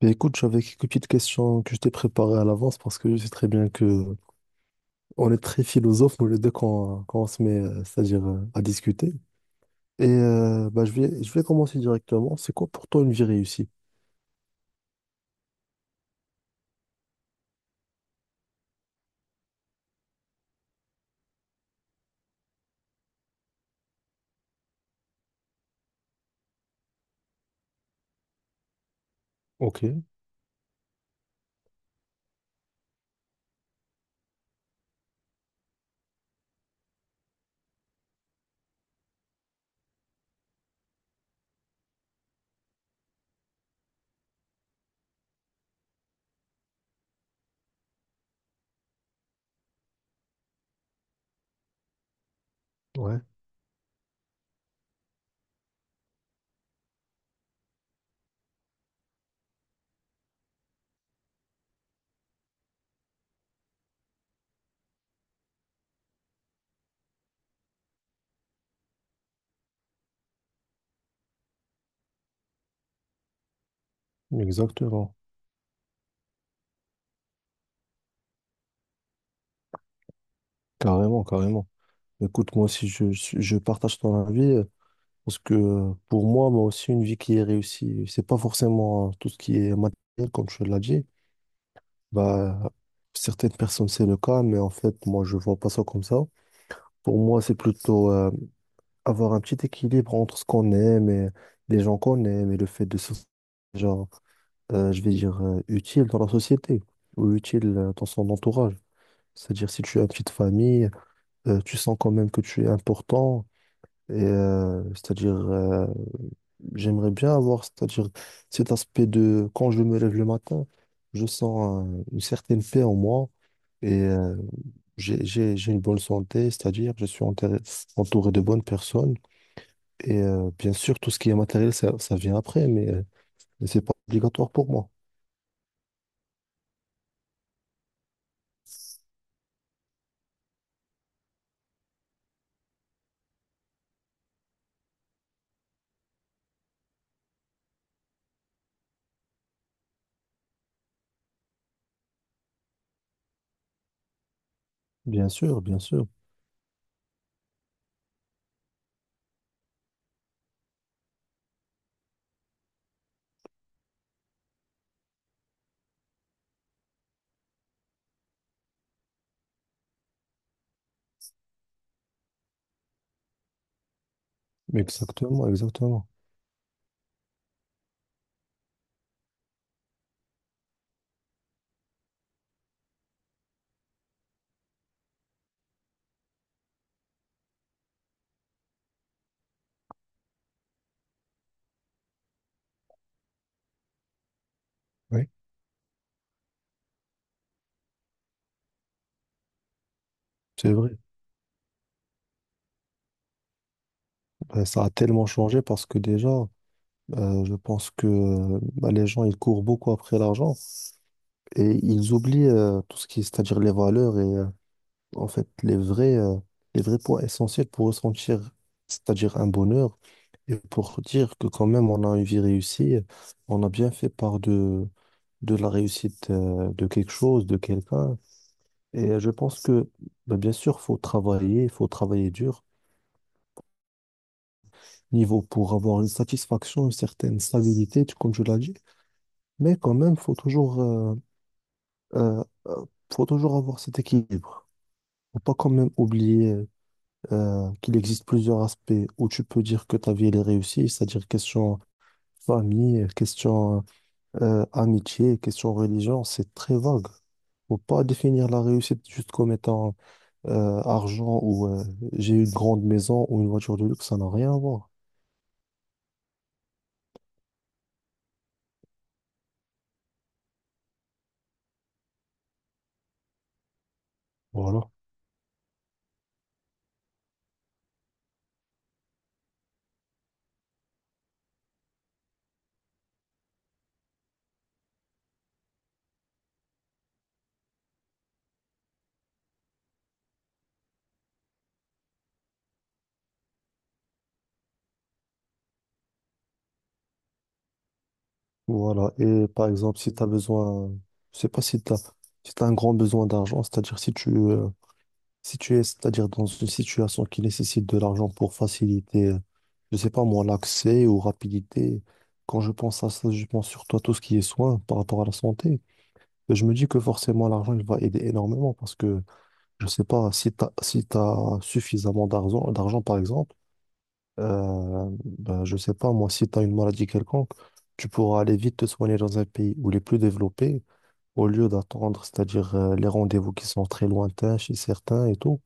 Mais écoute, j'avais quelques petites questions que je t'ai préparées à l'avance parce que je sais très bien que on est très philosophes, nous les deux, quand on se met, c'est-à-dire à discuter. Et bah, je vais commencer directement. C'est quoi pour toi une vie réussie? Ok, ouais, exactement. Carrément, carrément. Écoute, moi aussi, je partage ton avis parce que pour moi, moi aussi, une vie qui est réussie, c'est pas forcément tout ce qui est matériel, comme tu l'as dit. Bah, certaines personnes, c'est le cas, mais en fait, moi, je vois pas ça comme ça. Pour moi, c'est plutôt avoir un petit équilibre entre ce qu'on aime et les gens qu'on aime et le fait de se sentir, genre, je vais dire, utile dans la société ou utile dans son entourage. C'est-à-dire, si tu as une petite famille, tu sens quand même que tu es important. Et j'aimerais bien avoir, c'est-à-dire cet aspect de quand je me lève le matin, je sens une certaine paix en moi et j'ai une bonne santé, c'est-à-dire entouré de bonnes personnes et bien sûr tout ce qui est matériel, ça vient après, mais mais c'est pas obligatoire pour moi. Bien sûr, bien sûr. Exactement, exactement. Oui, c'est vrai. Ben, ça a tellement changé parce que déjà, je pense que ben, les gens, ils courent beaucoup après l'argent. Et ils oublient tout ce qui est, c'est-à-dire les valeurs et en fait les vrais points essentiels pour ressentir, c'est-à-dire un bonheur et pour dire que quand même on a une vie réussie, on a bien fait part de la réussite de quelque chose, de quelqu'un. Et je pense que bah, bien sûr, il faut travailler dur, niveau pour avoir une satisfaction, une certaine stabilité, comme je l'ai dit, mais quand même, euh, euh, faut toujours avoir cet équilibre. Faut pas quand même oublier qu'il existe plusieurs aspects où tu peux dire que ta vie elle est réussie, c'est-à-dire question famille, question amitié, question religion, c'est très vague. Faut pas définir la réussite juste comme étant argent ou j'ai une grande maison ou une voiture de luxe, ça n'a rien à voir. Voilà. Voilà. Et par exemple, si tu as besoin, je sais pas si tu as, si t'as un grand besoin d'argent, c'est-à-dire si tu es, c'est-à-dire dans une situation qui nécessite de l'argent pour faciliter je sais pas moi, l'accès ou rapidité. Quand je pense à ça, je pense surtout à tout ce qui est soin par rapport à la santé. Et je me dis que forcément, l'argent, il va aider énormément parce que, je sais pas, si t'as suffisamment d'argent, par exemple, euh, ben, je sais pas moi, si t'as une maladie quelconque, tu pourras aller vite te soigner dans un pays où il est plus développé au lieu d'attendre, c'est-à-dire les rendez-vous qui sont très lointains chez certains et tout.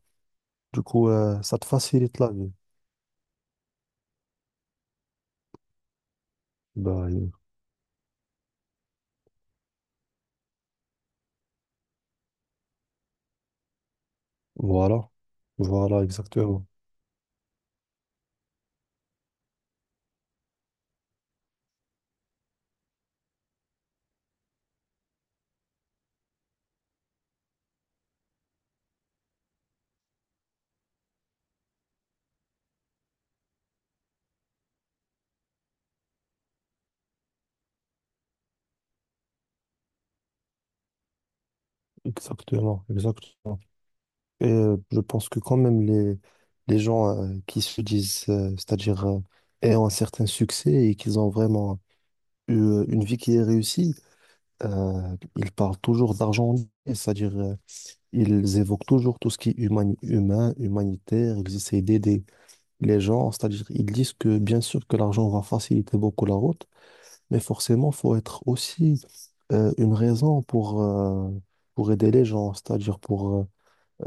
Du coup, ça te facilite la vie. Ben, voilà. Voilà, exactement. Exactement, exactement. Et je pense que quand même les gens qui se disent, c'est-à-dire ayant un certain succès et qu'ils ont vraiment eu une vie qui est réussie, ils parlent toujours d'argent, et c'est-à-dire ils évoquent toujours tout ce qui est humain, humanitaire, ils essayent d'aider les gens, c'est-à-dire ils disent que bien sûr que l'argent va faciliter beaucoup la route, mais forcément, faut être aussi une raison pour aider les gens,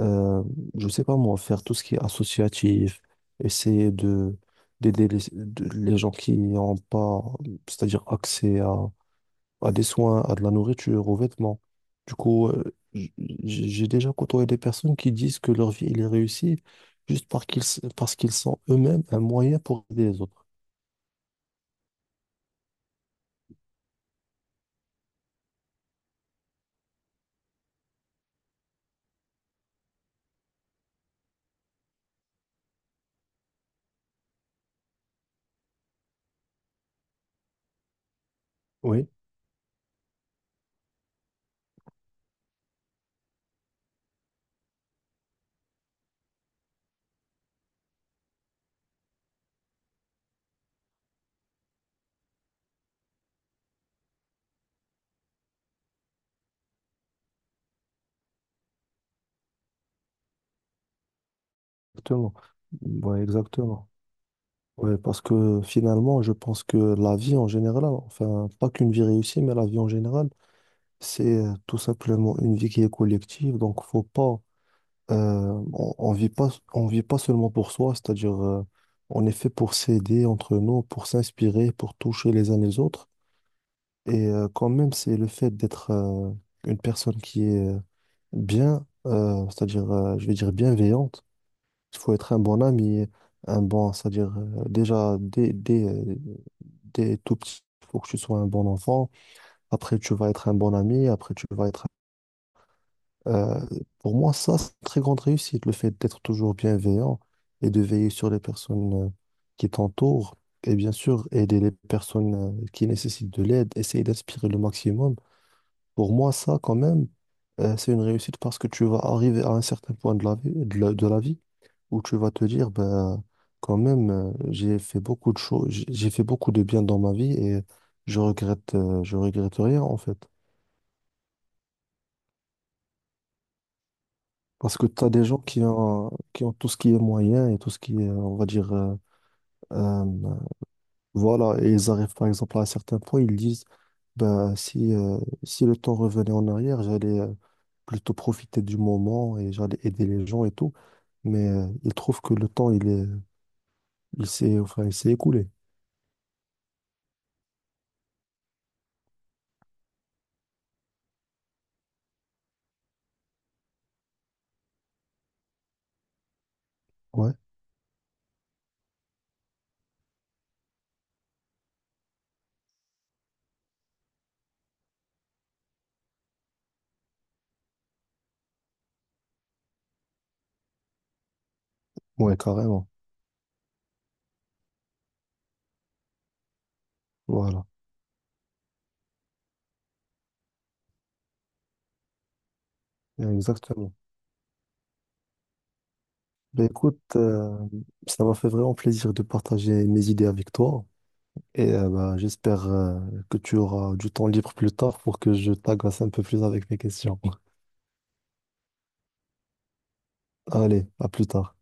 euh, je sais pas moi, faire tout ce qui est associatif, essayer de d'aider les gens qui n'ont pas, c'est-à-dire accès à des soins, à de la nourriture, aux vêtements. Du coup, j'ai déjà côtoyé des personnes qui disent que leur vie, elle est réussie juste parce parce qu'ils sont eux-mêmes un moyen pour aider les autres. Oui, exactement. Ouais, exactement. Ouais, parce que finalement, je pense que la vie en général, enfin, pas qu'une vie réussie, mais la vie en général, c'est tout simplement une vie qui est collective, donc faut pas, on vit pas seulement pour soi, c'est-à-dire on est fait pour s'aider entre nous, pour s'inspirer, pour toucher les uns les autres. Et quand même, c'est le fait d'être une personne qui est je vais dire bienveillante. Il faut être un bon ami, un bon, c'est-à-dire déjà dès tout petit, il faut que tu sois un bon enfant. Après, tu vas être un bon ami. Après, tu vas être Euh, pour moi, ça, c'est une très grande réussite, le fait d'être toujours bienveillant et de veiller sur les personnes qui t'entourent et bien sûr aider les personnes qui nécessitent de l'aide, essayer d'inspirer le maximum. Pour moi, ça, quand même, c'est une réussite parce que tu vas arriver à un certain point de la vie, de la vie où tu vas te dire, ben, quand même, j'ai fait beaucoup de choses, j'ai fait beaucoup de bien dans ma vie et je regrette rien en fait. Parce que tu as des gens qui ont tout ce qui est moyen et tout ce qui est, on va dire, euh, voilà, et ils arrivent par exemple à un certain point, ils disent, ben, si le temps revenait en arrière, j'allais plutôt profiter du moment et j'allais aider les gens et tout. Mais ils trouvent que le temps, il est, il s'est, enfin, il s'est écoulé. Ouais, ouais, carrément. Voilà, exactement. Ben, écoute, ça m'a fait vraiment plaisir de partager mes idées avec toi. Et bah, j'espère que tu auras du temps libre plus tard pour que je t'agace un peu plus avec mes questions. Allez, à plus tard.